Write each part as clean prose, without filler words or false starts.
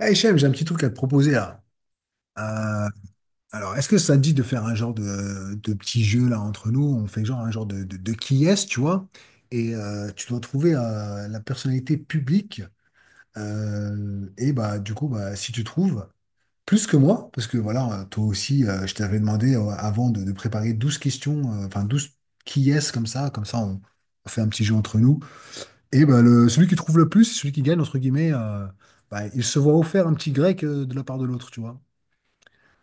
Eh Hichem, j'ai un petit truc à te proposer là. Euh, alors, est-ce que ça te dit de faire un genre de petit jeu là entre nous? On fait genre un genre de qui est-ce, tu vois? Et tu dois trouver la personnalité publique. Et bah du coup, bah, si tu trouves plus que moi, parce que voilà, toi aussi, je t'avais demandé avant de préparer 12 questions, enfin 12 qui est-ce comme ça on fait un petit jeu entre nous. Et bah le, celui qui trouve le plus, celui qui gagne, entre guillemets, bah, il se voit offert un petit grec de la part de l'autre, tu vois?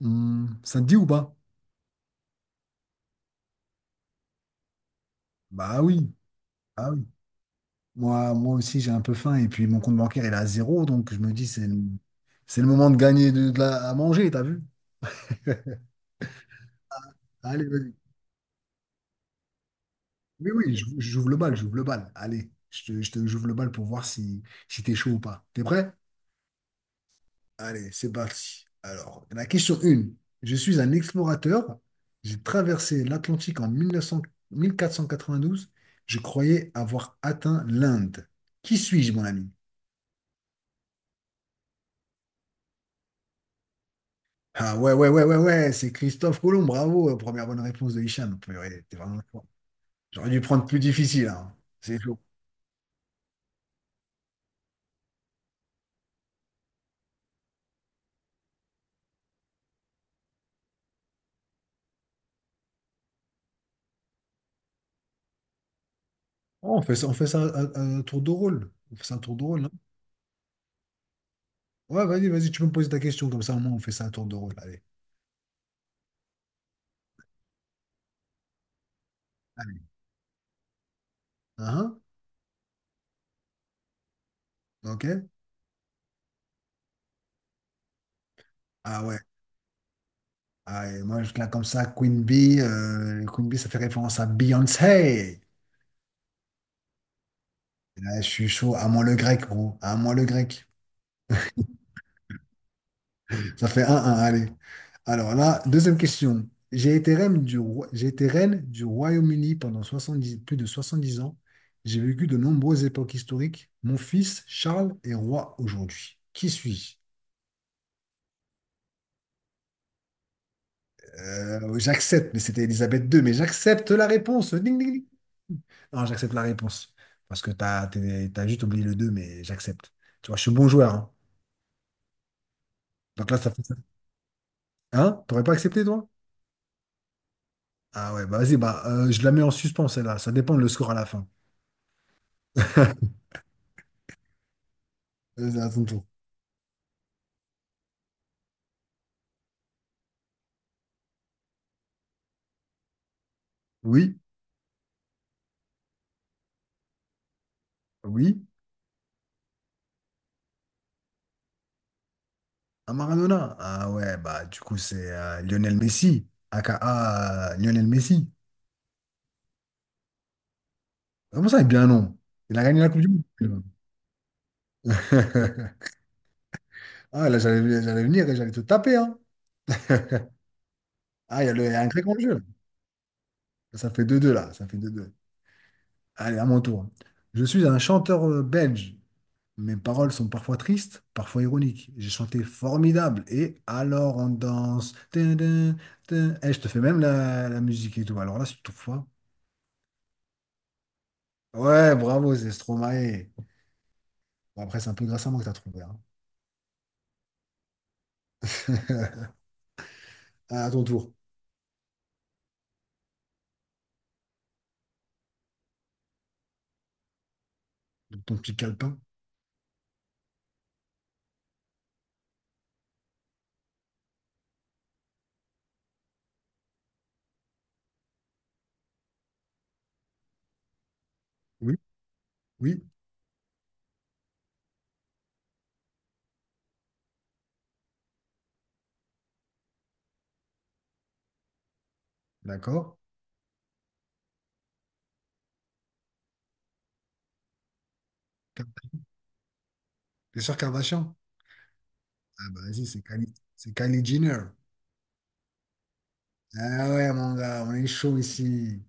Hmm, ça te dit ou pas? Bah oui, ah oui. Moi aussi, j'ai un peu faim et puis mon compte bancaire, il est à zéro, donc je me dis, c'est le moment de gagner à manger, t'as vu? Allez, vas-y. Oui, oui, j'ouvre le bal, j'ouvre le bal. Allez, j'ouvre le bal pour voir si, si t'es chaud ou pas. T'es prêt? Allez, c'est parti. Alors, la question 1. Je suis un explorateur. J'ai traversé l'Atlantique en mille neuf cent quatre cent quatre-vingt-douze. Je croyais avoir atteint l'Inde. Qui suis-je, mon ami? Ah ouais, ouais, ouais, ouais, ouais, c'est Christophe Colomb, bravo, première bonne réponse de Hicham. Purée, t'es vraiment fort. J'aurais dû prendre plus difficile, hein. C'est chaud. Oh, on fait ça à tour de rôle. On fait ça un tour de rôle, hein. Ouais, vas-y, tu peux me poser ta question, comme ça au moins on fait ça un tour de rôle. Allez. Allez. Hein, hein, ok. Ah ouais. Ah, et moi, je là comme ça, Queen Bee, ça fait référence à Beyoncé. Et là, je suis chaud, à moi le grec, gros. À moi le grec. Ça fait un un. Allez. Alors là, deuxième question. J'ai été reine du Royaume-Uni pendant 70 plus de 70 ans. J'ai vécu de nombreuses époques historiques. Mon fils, Charles, est roi aujourd'hui. Qui suis-je? J'accepte, mais c'était Elisabeth II, mais j'accepte la réponse. Ding, ding, ding. Non, j'accepte la réponse. Parce que t'as juste oublié le 2, mais j'accepte. Tu vois, je suis bon joueur, hein. Donc là, ça fait ça. Hein? T'aurais pas accepté, toi? Ah ouais, bah vas-y, bah, je la mets en suspens, celle-là. Ça dépend de le score à la fin. À ton tour. Oui, oui, à Maradona. Ah ouais, bah du coup c'est Lionel Messi, aka Lionel Messi. Comment ça, il est bien non? Il a gagné la Coupe du Monde. Ah là, j'allais venir et j'allais te taper. Hein. Ah, il y a un grec en jeu là. Ça fait deux deux là, ça fait deux deux. Allez, à mon tour. Je suis un chanteur belge. Mes paroles sont parfois tristes, parfois ironiques. J'ai chanté Formidable et Alors on danse. Tin, tin, tin. Eh, je te fais même la musique et tout. Alors là, c'est tout fois. Ouais, bravo, c'est Stromae. Bon, après, c'est un peu grâce à moi que t'as trouvé, hein. À ton tour. Ton petit calepin. Oui, oui, d'accord. T'es sûr Kardashian? Ah bah vas-y, c'est Kylie Jenner. Ah ouais, mon gars, on est chaud ici.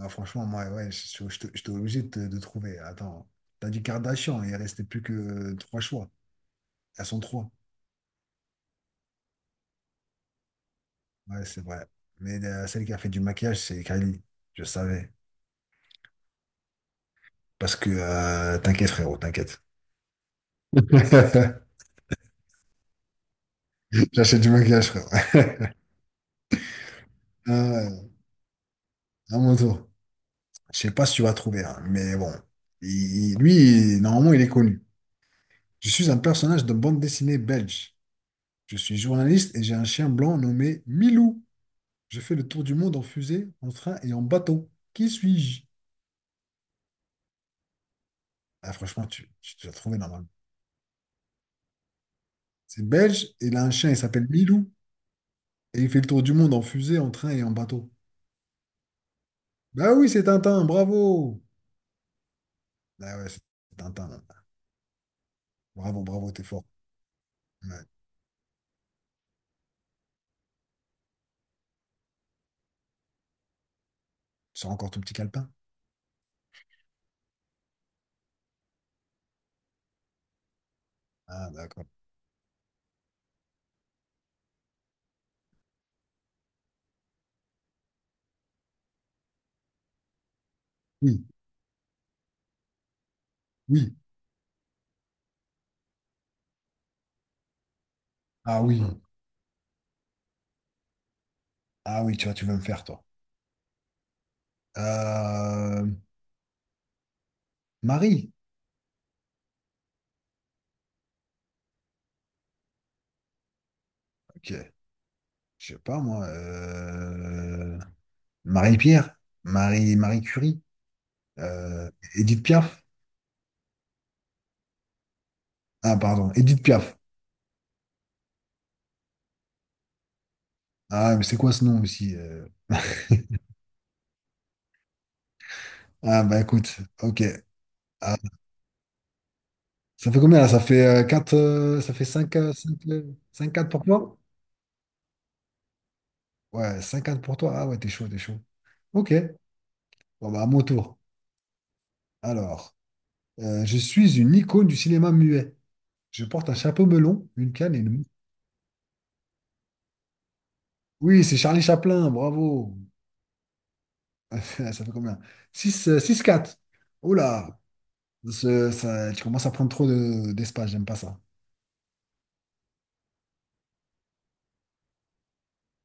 Ah, franchement, moi, ouais, j'étais obligé de trouver. Attends, t'as dit Kardashian, il restait plus que trois choix. Elles sont trois. Ouais, c'est vrai. Mais celle qui a fait du maquillage, c'est Kylie. Je savais. Parce que, t'inquiète, frérot, t'inquiète. J'achète du maquillage, frérot. Ah ouais, à mon tour. Je sais pas si tu vas trouver, hein, mais bon. Il- lui, normalement, il est connu. Je suis un personnage de bande dessinée belge. Je suis journaliste et j'ai un chien blanc nommé Milou. J'ai fait le tour du monde en fusée, en train et en bateau. Qui suis-je? Ah, franchement, tu l'as trouvé normalement. C'est belge, et il a un chien, il s'appelle Milou, et il fait le tour du monde en fusée, en train et en bateau. Bah oui, c'est Tintin, bravo! Ah ouais, c'est Tintin là. Bravo, bravo, t'es fort. Ouais. Tu sors encore ton petit calepin? Ah, d'accord. Oui, oui. Ah oui. Ah oui, tu vois, tu veux me faire, toi. Euh, Marie. Ok. Je sais pas, moi. Marie-Pierre. Marie Curie. Euh, Edith Piaf? Ah, pardon, Edith Piaf. Ah, mais c'est quoi ce nom aussi? Ah, bah écoute, ok. Ah, ça fait combien là? Ça fait ça fait 5, 5 4 pour toi? Ouais, 5 4 pour toi. Ah ouais, t'es chaud, t'es chaud. Ok, bon bah à mon tour. Alors, je suis une icône du cinéma muet. Je porte un chapeau melon, une canne et une... Oui, c'est Charlie Chaplin, bravo. Ça fait combien? 6, 6 4. Oh là, tu commences à prendre trop d'espace, j'aime pas ça.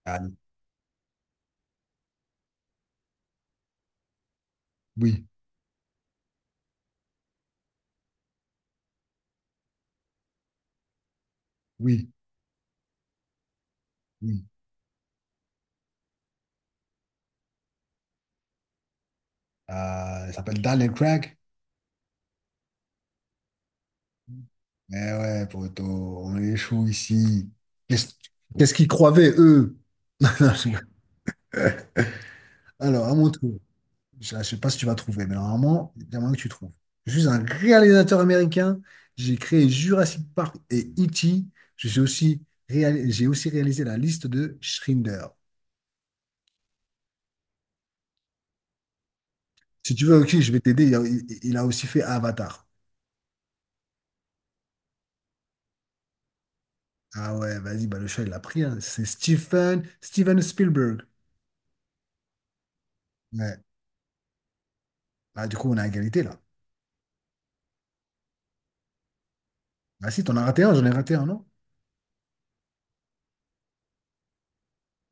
Ah, oui, oui, oui. Il s'appelle Daniel Craig. Mais ouais, poto, on est chaud ici. Qu'est-ce qu'est-ce qu'ils croyaient, eux? Non, je rigole. Alors, à mon tour. Je ne sais pas si tu vas trouver, mais normalement, il y a moyen que tu trouves. Je suis un réalisateur américain. J'ai créé Jurassic Park et E.T. Je suis aussi réal- j'ai aussi réalisé La Liste de Schindler. Si tu veux, ok, je vais t'aider. Il a aussi fait Avatar. Ah ouais, vas-y, bah, le chat, il l'a pris, hein. C'est Steven Spielberg. Ouais. Ah, du coup, on est à égalité là. Ah si, t'en as raté un, j'en ai raté un, non?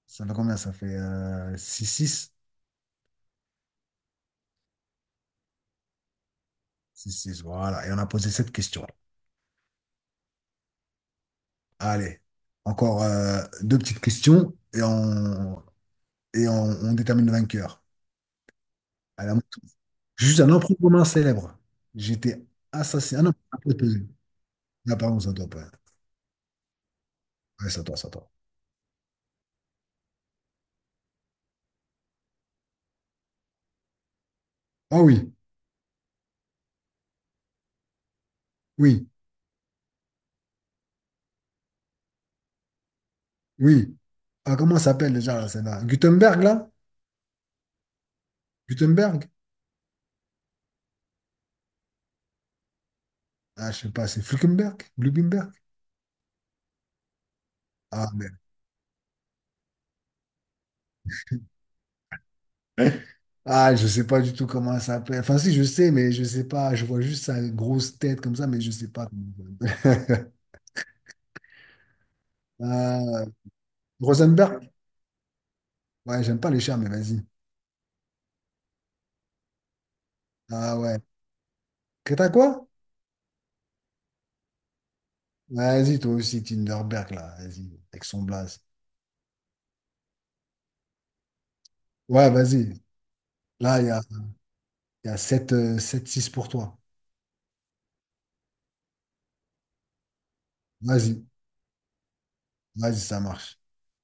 Ça fait combien? Ça fait six six six 6, voilà. Et on a posé cette question. Allez, encore deux petites questions et on détermine le vainqueur. Allez, à la- juste un emprunt commun célèbre. J'étais assassiné. Ah non, ça peut poser. Ah, pardon, c'est à toi, pardon. Ouais, c'est à toi, c'est à toi. Ah oui, oui, oui. Ah, comment ça s'appelle déjà là, celle-là? Gutenberg, là? Gutenberg? Ah, je sais pas, c'est Fluckenberg? Blumenberg? Ah, ah, je sais pas du tout comment elle s'appelle. Enfin, si, je sais, mais je sais pas. Je vois juste sa grosse tête comme ça, mais je sais pas comment elle s'appelle. Euh, Rosenberg? Ouais, j'aime pas les chats, mais vas-y. Ah ouais. Que t'as quoi? Vas-y, toi aussi, Tinderberg, là. Vas-y, avec son blaze. Ouais, vas-y. Là, il y a 7, 7-6 pour toi. Vas-y, vas-y, ça marche.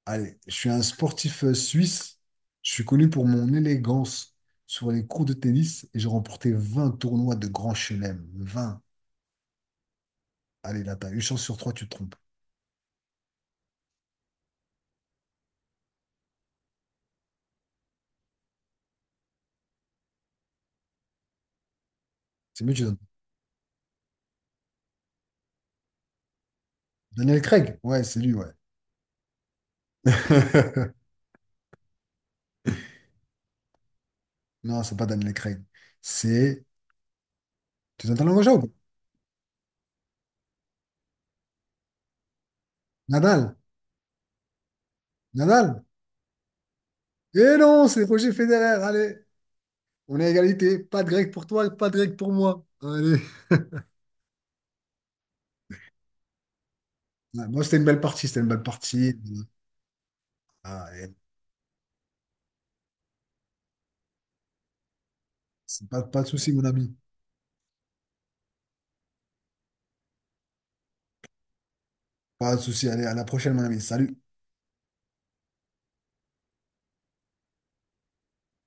Allez, je suis un sportif suisse. Je suis connu pour mon élégance sur les cours de tennis et j'ai remporté 20 tournois de Grand Chelem. 20. Allez, là, t'as une chance sur trois, tu te trompes. C'est mieux, tu donnes. Daniel Craig? Ouais, c'est lui, ouais. Non, c'est pas Daniel Craig. C'est. Tu donnes ta langue au chat ou pas? Nadal. Nadal. Eh non, c'est Roger Federer. Allez, on est à égalité. Pas de grec pour toi, pas de grec pour moi. Allez. Ouais, moi, c'était une belle partie. C'était une belle partie. Ah, et c'est pas, pas de souci, mon ami. Pas de souci. Allez, à la prochaine, mon ami. Salut.